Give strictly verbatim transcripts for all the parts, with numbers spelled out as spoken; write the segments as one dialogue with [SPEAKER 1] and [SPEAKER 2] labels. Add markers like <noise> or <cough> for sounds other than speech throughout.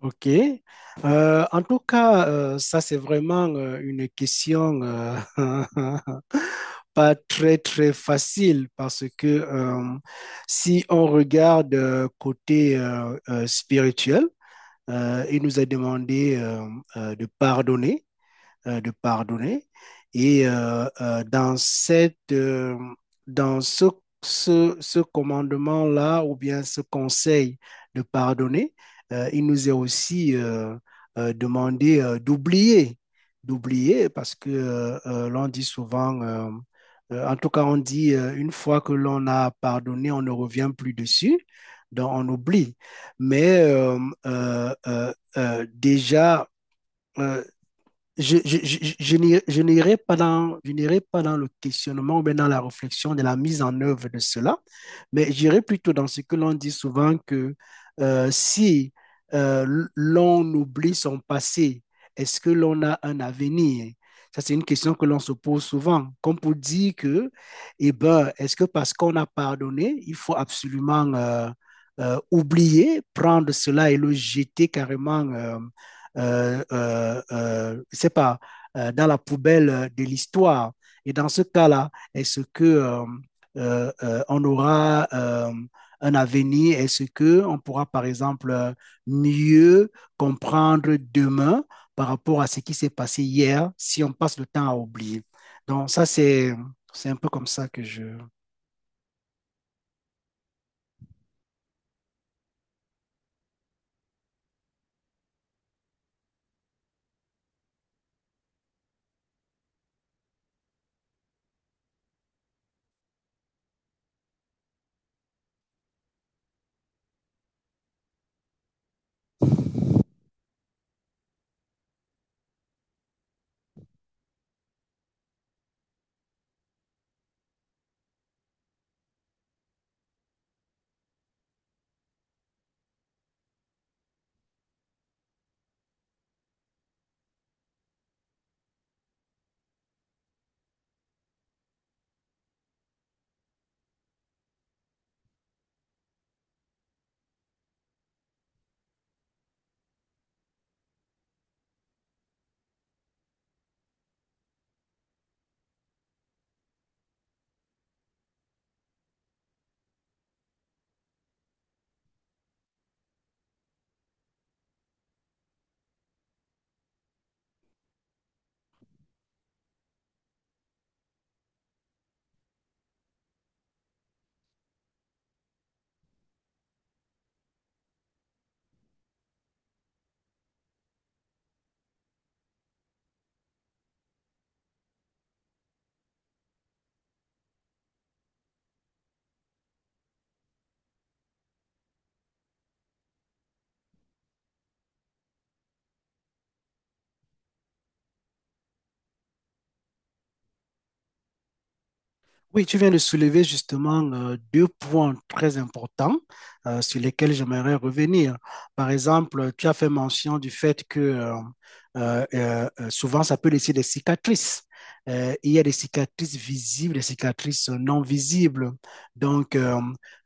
[SPEAKER 1] OK. Euh, en tout cas, euh, ça, c'est vraiment euh, une question euh, <laughs> pas très, très facile parce que euh, si on regarde euh, côté euh, euh, spirituel, euh, il nous est demandé euh, euh, de pardonner euh, de pardonner. Et euh, euh, dans, cette, euh, dans ce, ce, ce commandement-là, ou bien ce conseil de pardonner, euh, il nous est aussi euh, euh, demandé euh, d'oublier, d'oublier, parce que euh, euh, l'on dit souvent euh, euh, en tout cas, on dit euh, une fois que l'on a pardonné, on ne revient plus dessus, donc on oublie. Mais euh, euh, euh, euh, déjà, euh, je, je, je, je n'irai je n'irai pas dans, je n'irai pas dans le questionnement, mais dans la réflexion de la mise en œuvre de cela, mais j'irai plutôt dans ce que l'on dit souvent que euh, si euh, l'on oublie son passé, est-ce que l'on a un avenir? Ça, c'est une question que l'on se pose souvent, comme pour dire que, eh ben, est-ce que parce qu'on a pardonné, il faut absolument euh, euh, oublier, prendre cela et le jeter carrément euh, euh, euh, euh, c'est pas, euh, dans la poubelle de l'histoire. Et dans ce cas-là, est-ce que euh, euh, euh, on aura euh, un avenir. Est-ce que on pourra, par exemple, mieux comprendre demain par rapport à ce qui s'est passé hier si on passe le temps à oublier. Donc ça, c'est c'est un peu comme ça que je. Oui, tu viens de soulever justement euh, deux points très importants euh, sur lesquels j'aimerais revenir. Par exemple, tu as fait mention du fait que euh, euh, euh, euh, souvent ça peut laisser des cicatrices. Euh, il y a des cicatrices visibles, des cicatrices non visibles. Donc, euh,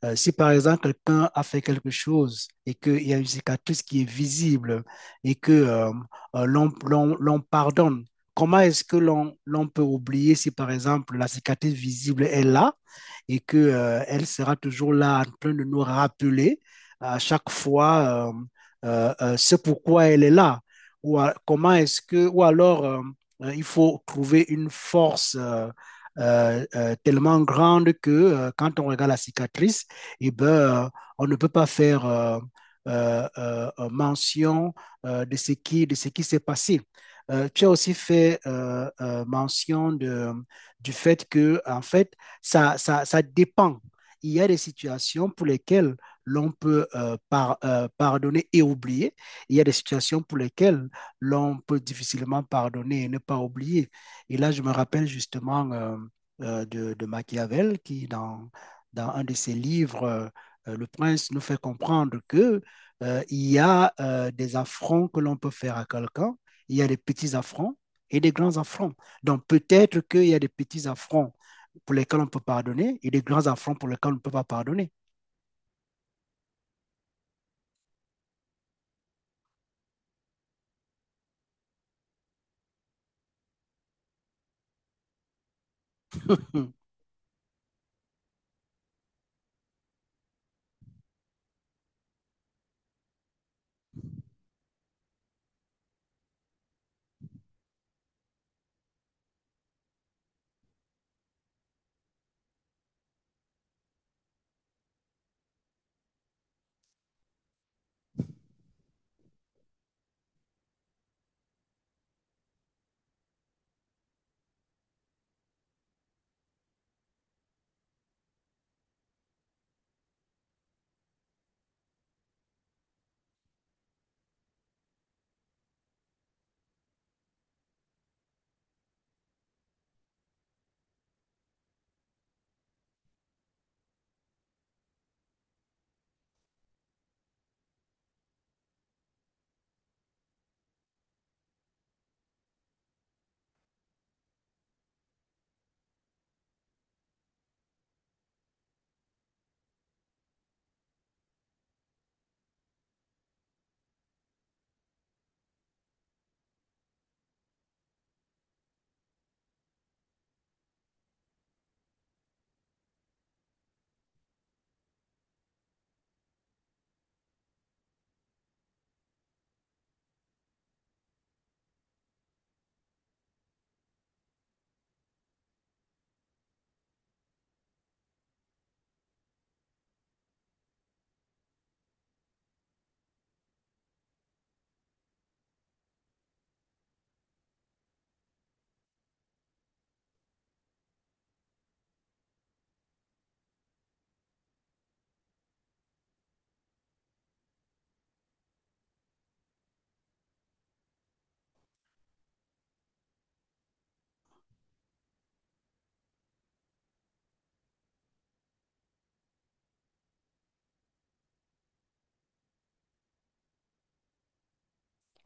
[SPEAKER 1] euh, si par exemple quelqu'un a fait quelque chose et qu'il y a une cicatrice qui est visible et que euh, euh, l'on l'on- l'on pardonne, comment est-ce que l'on l'on peut oublier si, par exemple, la cicatrice visible est là et que, euh, elle sera toujours là en train de nous rappeler euh, à chaque fois euh, euh, euh, ce pourquoi elle est là? Ou à- comment est-ce que, ou alors euh, euh, il faut trouver une force euh, euh, euh, tellement grande que euh, quand on regarde la cicatrice, eh ben, euh, on ne peut pas faire euh, euh, euh, euh, mention euh, de ce qui, de ce qui s'est passé. Euh, tu as aussi fait euh, euh, mention de, du fait que, en fait, ça, ça, ça dépend. Il y a des situations pour lesquelles l'on peut euh, par- euh, pardonner et oublier. Il y a des situations pour lesquelles l'on peut difficilement pardonner et ne pas oublier. Et là, je me rappelle justement euh, euh, de, de Machiavel qui, dans, dans un de ses livres, euh, euh, Le Prince nous fait comprendre que euh, il y a euh, des affronts que l'on peut faire à quelqu'un, il y a des petits affronts et des grands affronts. Donc peut-être qu'il y a des petits affronts pour lesquels on peut pardonner et des grands affronts pour lesquels on ne peut pas pardonner. <laughs>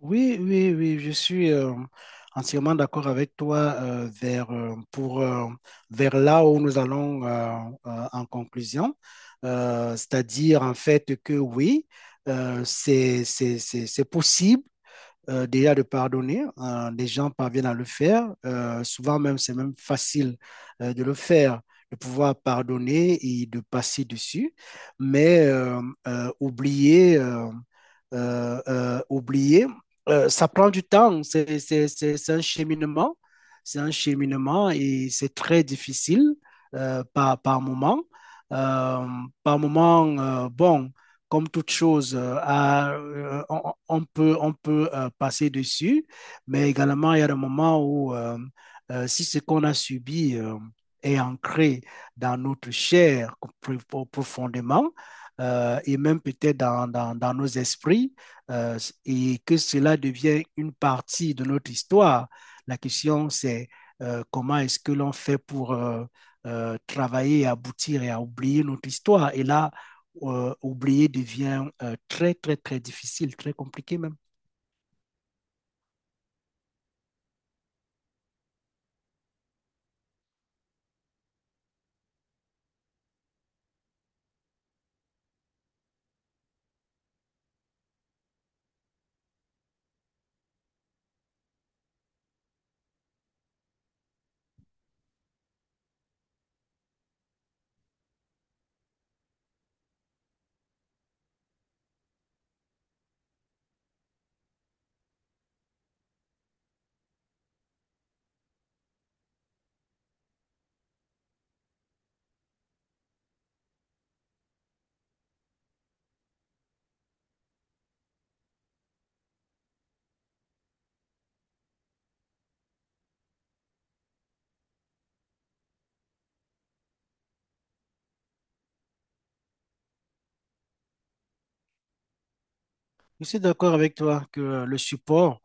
[SPEAKER 1] oui, oui, oui, je suis euh, entièrement d'accord avec toi euh, vers, euh, pour, euh, vers là où nous allons euh, euh, en conclusion. Euh, c'est-à-dire en fait que oui, euh, c'est c'est- c'est- c'est possible euh, déjà de pardonner. Euh, les gens parviennent à le faire. Euh, souvent même, c'est même facile euh, de le faire, de pouvoir pardonner et de passer dessus. Mais euh, euh, oublier, euh, euh, euh, oublier, euh, ça prend du temps. C'est c'est- c'est- c'est un cheminement. C'est un cheminement et c'est très difficile euh, par, par moment. Euh, Par moment, euh, bon comme toute chose, euh, à, euh, on, on peut, on peut euh, passer dessus, mais également, il y a des moments où, euh, euh, si ce qu'on a subi euh, est ancré dans notre chair profondément, euh, et même peut-être dans, dans, dans nos esprits, euh, et que cela devient une partie de notre histoire, la question, c'est euh, comment est-ce que l'on fait pour... euh, euh, travailler, aboutir et à oublier notre histoire. Et là, euh, oublier devient euh, très, très, très difficile, très compliqué même. Je suis d'accord avec toi que le support,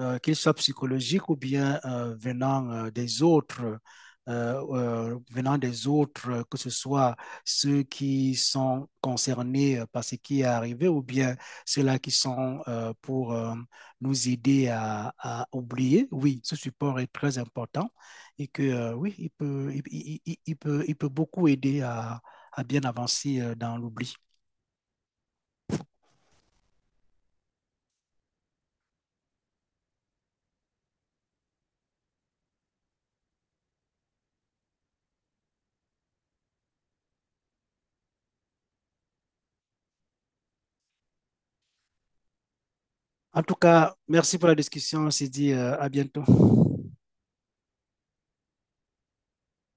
[SPEAKER 1] euh, qu'il soit psychologique ou bien euh, venant euh, des autres, euh, euh, venant des autres, euh, que ce soit ceux qui sont concernés euh, par ce qui est arrivé ou bien ceux-là qui sont euh, pour euh, nous aider à, à oublier, oui, ce support est très important et que euh, oui, il peut, il, il- il- il peut, il peut beaucoup aider à, à bien avancer euh, dans l'oubli. En tout cas, merci pour la discussion. On se dit euh, à bientôt.